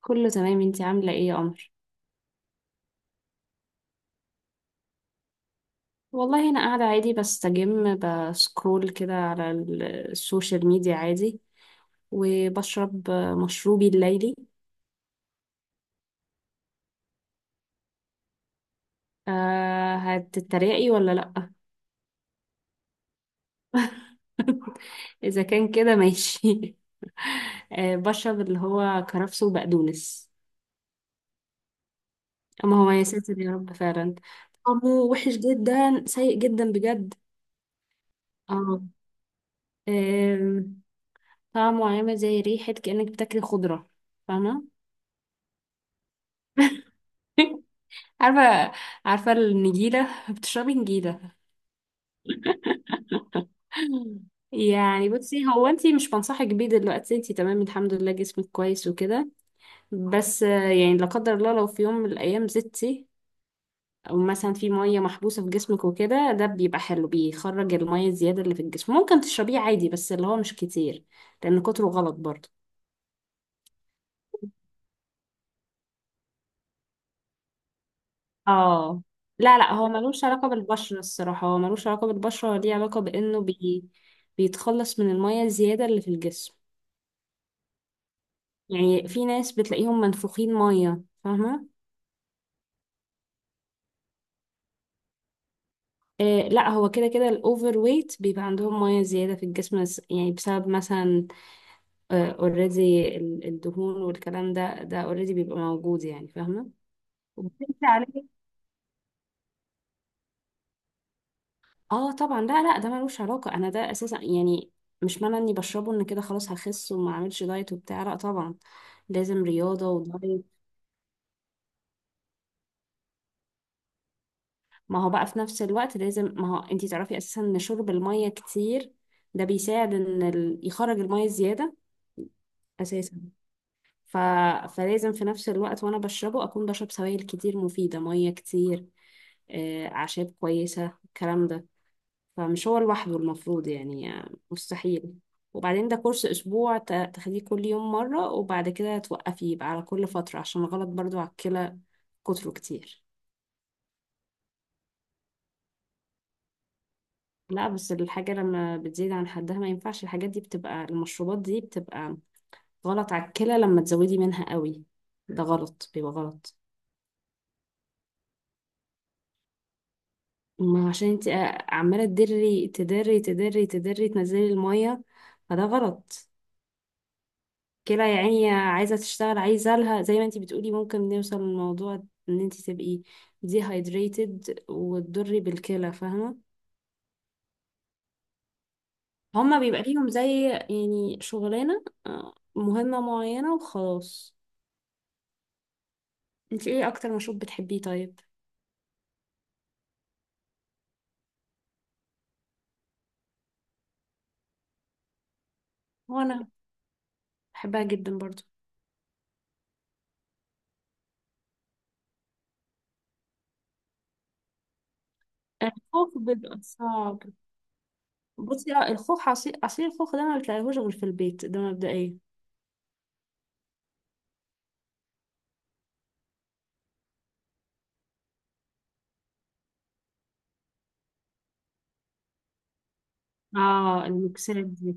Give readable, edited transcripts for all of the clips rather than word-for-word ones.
كله تمام، انتي عاملة ايه يا قمر؟ والله انا قاعدة عادي بستجم بسكرول كده على السوشيال ميديا عادي، وبشرب مشروبي الليلي. أه، هتتريقي ولا لأ؟ اذا كان كده ماشي. أه، بشرب اللي هو كرفس وبقدونس. اما هو يا ساتر يا رب فعلا، طعمه وحش جدا، سيء جدا بجد. اه، آم، طعمه عامل زي ريحة، كأنك بتاكلي خضرة، فاهمة؟ عارفة عارفة، النجيلة، بتشربي نجيلة. يعني بصي، هو انتي مش بنصحك بيه دلوقتي، انتي تمام الحمد لله، جسمك كويس وكده. بس يعني لا قدر الله، لو في يوم من الايام زدتي، او مثلا في مية محبوسة في جسمك وكده، ده بيبقى حلو، بيخرج المية الزيادة اللي في الجسم. ممكن تشربيه عادي بس اللي هو مش كتير، لان كتره غلط برضه. اه، لا لا، هو ملوش علاقة بالبشرة، الصراحة هو ملوش علاقة بالبشرة، هو ليه علاقة بانه بيتخلص من المية الزيادة اللي في الجسم. يعني في ناس بتلاقيهم منفوخين ميه، فاهمه؟ آه، لا هو كده كده الاوفر ويت بيبقى عندهم ميه زياده في الجسم، يعني بسبب مثلا، اوريدي، الدهون والكلام ده اوريدي بيبقى موجود، يعني فاهمه. وبتمشي عليه. اه طبعا، لا لا، ده ملوش علاقه، انا ده اساسا يعني، مش معنى اني بشربه ان كده خلاص هخس وما اعملش دايت وبتاع، لا طبعا. لازم رياضه ودايت. ما هو بقى في نفس الوقت لازم، ما هو انتي تعرفي اساسا ان شرب المية كتير ده بيساعد ان يخرج المية زيادة اساسا. ف... فلازم في نفس الوقت وانا بشربه اكون بشرب سوائل كتير مفيدة، مية كتير، اعشاب كويسة، الكلام ده. فمش هو لوحده المفروض، يعني مستحيل. وبعدين ده كورس اسبوع، تاخديه كل يوم مرة، وبعد كده توقفيه، يبقى على كل فترة عشان غلط برضو على الكلى. كتره كتير. لا بس الحاجة لما بتزيد عن حدها ما ينفعش، الحاجات دي بتبقى، المشروبات دي بتبقى غلط على الكلى لما تزودي منها قوي. ده غلط، بيبقى غلط. ما عشان انت عمالة تدري تدري تدري تدري تنزلي المية، فده غلط. الكلى يا عيني عايزة تشتغل، عايزة لها زي ما انت بتقولي ممكن نوصل للموضوع ان انت تبقي ديهايدريتد وتضري بالكلى، فاهمة. هما بيبقى ليهم زي يعني شغلانة مهمة معينة وخلاص. انت ايه اكتر مشروب بتحبيه طيب؟ وانا بحبها جدا برضو. الخوخ بيبقى صعب. بصي، اه، الخوخ، عصير الخوخ ده ما بتلاقيهوش غير في البيت ده مبدئيا. اه، المكسرات دي.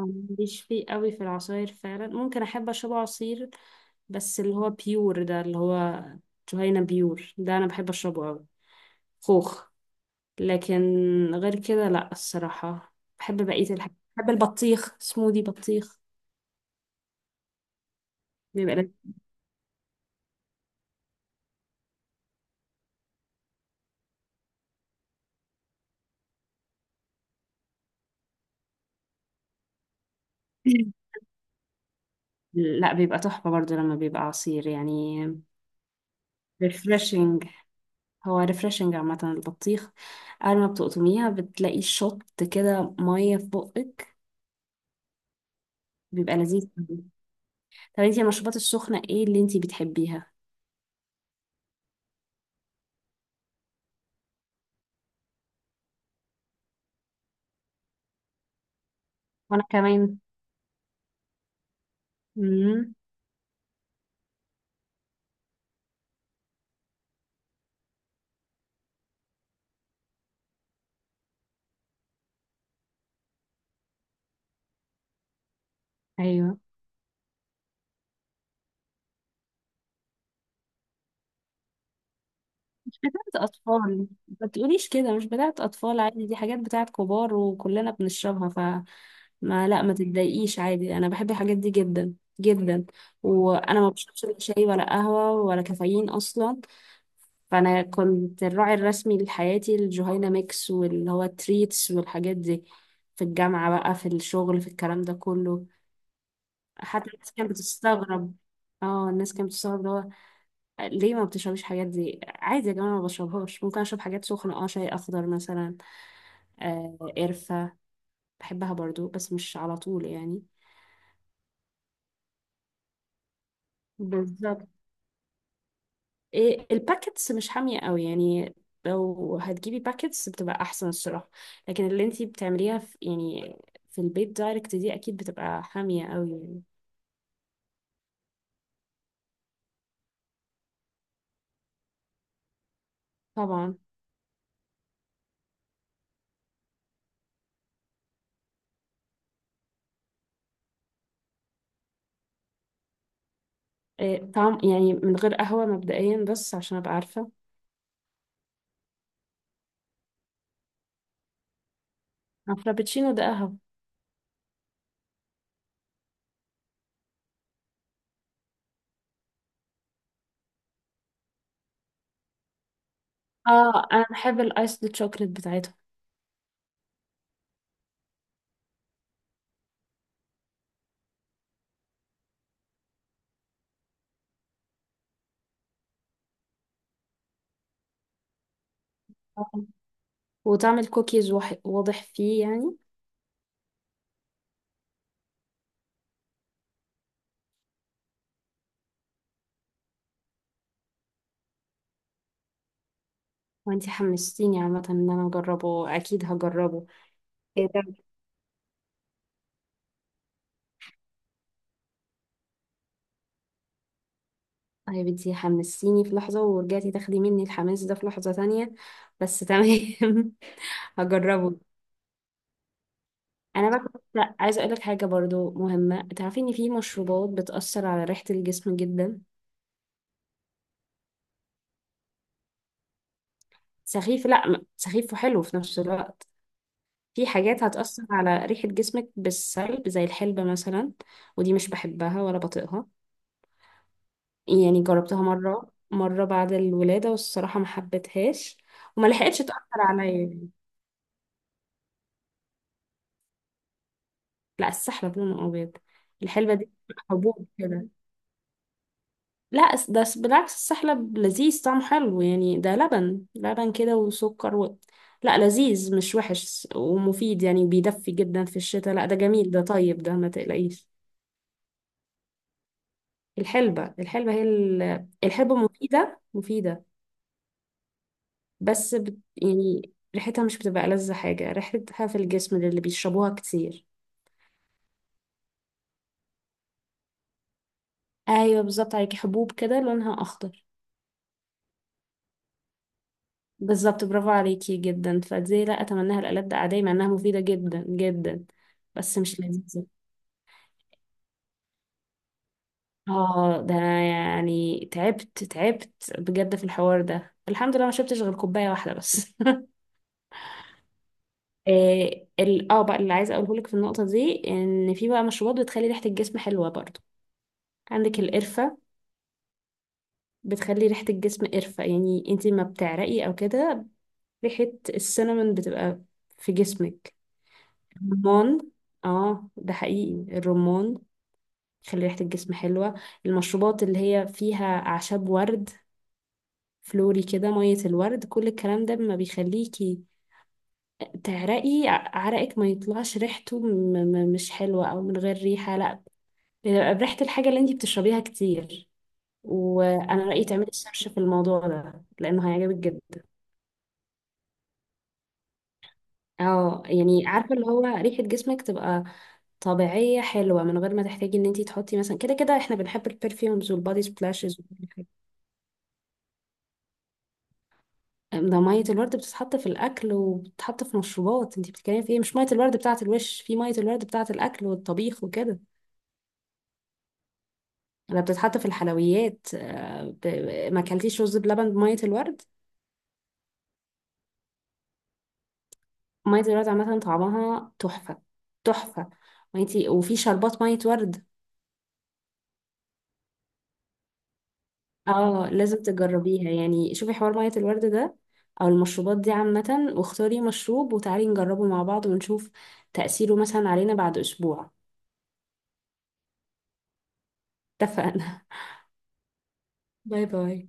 أنا ماليش فيه قوي في العصاير فعلا، ممكن احب اشرب عصير، بس اللي هو بيور ده، اللي هو جهينة بيور ده انا بحب اشربه قوي. خوخ. لكن غير كده، لا الصراحة بحب بقية الحاجات، بحب البطيخ، سموذي بطيخ، بيبقى لذيذ. لا بيبقى تحفة برضو لما بيبقى عصير يعني. ريفرشنج. هو ريفرشنج عامة البطيخ، أول ما بتقطميها بتلاقي شط كده مية في بقك، بيبقى لذيذ أوي. طب انتي المشروبات السخنة ايه اللي انتي بتحبيها؟ وأنا كمان. مم. أيوه. بتاعت أطفال. ما تقوليش كده، مش بتاعت أطفال عادي، دي حاجات بتاعت كبار وكلنا بنشربها. ف ما، لا، ما تتضايقيش عادي، أنا بحب الحاجات دي جدا جدا. وأنا ما بشربش لا شاي ولا قهوة ولا كافيين أصلا. فأنا كنت الراعي الرسمي لحياتي الجهينة ميكس، واللي هو التريتس والحاجات دي، في الجامعة بقى، في الشغل، في الكلام ده كله. حتى الناس كانت بتستغرب. اه، الناس كانت بتستغرب ليه ما بتشربيش الحاجات دي عادي؟ يا جماعة ما بشربهاش، ممكن اشرب حاجات سخنة، اه شاي اخضر مثلا، آه قرفة، بحبها برضو بس مش على طول يعني. بالظبط. إيه الباكتس مش حامية قوي يعني، لو هتجيبي باكتس بتبقى احسن الصراحة، لكن اللي انتي بتعمليها في، يعني في البيت دايركت، دي اكيد بتبقى حامية قوي يعني. طبعا. إيه طعم يعني من غير قهوة مبدئيا، بس عشان ابقى عارفة. الفرابتشينو ده قهوة. اه، انا بحب الايس الشوكليت بتاعتهم. وتعمل كوكيز، واضح فيه يعني. وانتي حمستيني عامة ان انا اجربه، اكيد هجربه. ايه ده؟ طيب، انتي حمستيني في لحظة، ورجعتي تاخدي مني الحماس ده في لحظة تانية، بس تمام. هجربه. انا بقى كنت عايزة اقولك حاجة برضو مهمة، تعرفي ان في مشروبات بتأثر على ريحة الجسم جدا. سخيف، لا، سخيف وحلو في نفس الوقت. في حاجات هتأثر على ريحة جسمك بالسلب، زي الحلبة مثلا، ودي مش بحبها ولا بطيقها. يعني جربتها مرة مرة بعد الولادة، والصراحة ما حبيتهاش وما لحقتش تأثر عليا يعني. لا، السحلب لونه أبيض. الحلبة دي حبوب كده. لا، بالعكس، السحلب لذيذ طعمه حلو يعني، ده لبن لبن كده وسكر. لا لذيذ، مش وحش ومفيد يعني، بيدفي جدا في الشتاء، لا ده جميل، ده طيب، ده ما تقلقيش. الحلبة هي الحلبة مفيدة مفيدة. بس يعني ريحتها مش بتبقى ألذ حاجة، ريحتها في الجسم للي بيشربوها كتير. أيوة بالظبط عليكي، حبوب كده لونها أخضر. بالظبط، برافو عليكي جدا، فدي لا أتمناها لألد أعدائي، مع إنها مفيدة جدا جدا، بس مش لذيذة. اه، ده أنا يعني تعبت تعبت بجد في الحوار ده، الحمد لله ما شربتش غير كوباية واحدة بس. آه، ال اه بقى اللي عايزه اقوله لك في النقطه دي، ان في بقى مشروبات بتخلي ريحه الجسم حلوه برضو. عندك القرفه، بتخلي ريحة الجسم قرفة، يعني انتي ما بتعرقي او كده، ريحة السينامون بتبقى في جسمك. الرمان، اه ده حقيقي، الرمان بيخلي ريحة الجسم حلوة. المشروبات اللي هي فيها أعشاب، ورد، فلوري كده، مية الورد، كل الكلام ده ما بيخليكي تعرقي، عرقك ما يطلعش ريحته مش حلوة، أو من غير ريحة، لا، بيبقى بريحة الحاجة اللي انتي بتشربيها كتير. وأنا رأيي تعملي سيرش في الموضوع ده لأنه هيعجبك جدا. اه، يعني عارفة، اللي هو ريحة جسمك تبقى طبيعية حلوة من غير ما تحتاجي ان انتي تحطي مثلا، كده كده احنا بنحب البرفيومز والبادي سبلاشز وكل حاجة. ده مية الورد بتتحط في الأكل وبتتحط في مشروبات، انتي بتتكلمي في ايه؟ مش مية الورد بتاعة الوش، في مية الورد بتاعة الأكل والطبيخ وكده، ولا بتتحط في الحلويات. ما اكلتيش رز بلبن بمية الورد؟ مية الورد عامة طعمها تحفة، تحفة. وانتي وفي شربات مية ورد. اه، لازم تجربيها يعني، شوفي حوار مية الورد ده، او المشروبات دي عامة، واختاري مشروب وتعالي نجربه مع بعض، ونشوف تأثيره مثلا علينا بعد اسبوع. اتفقنا. باي باي.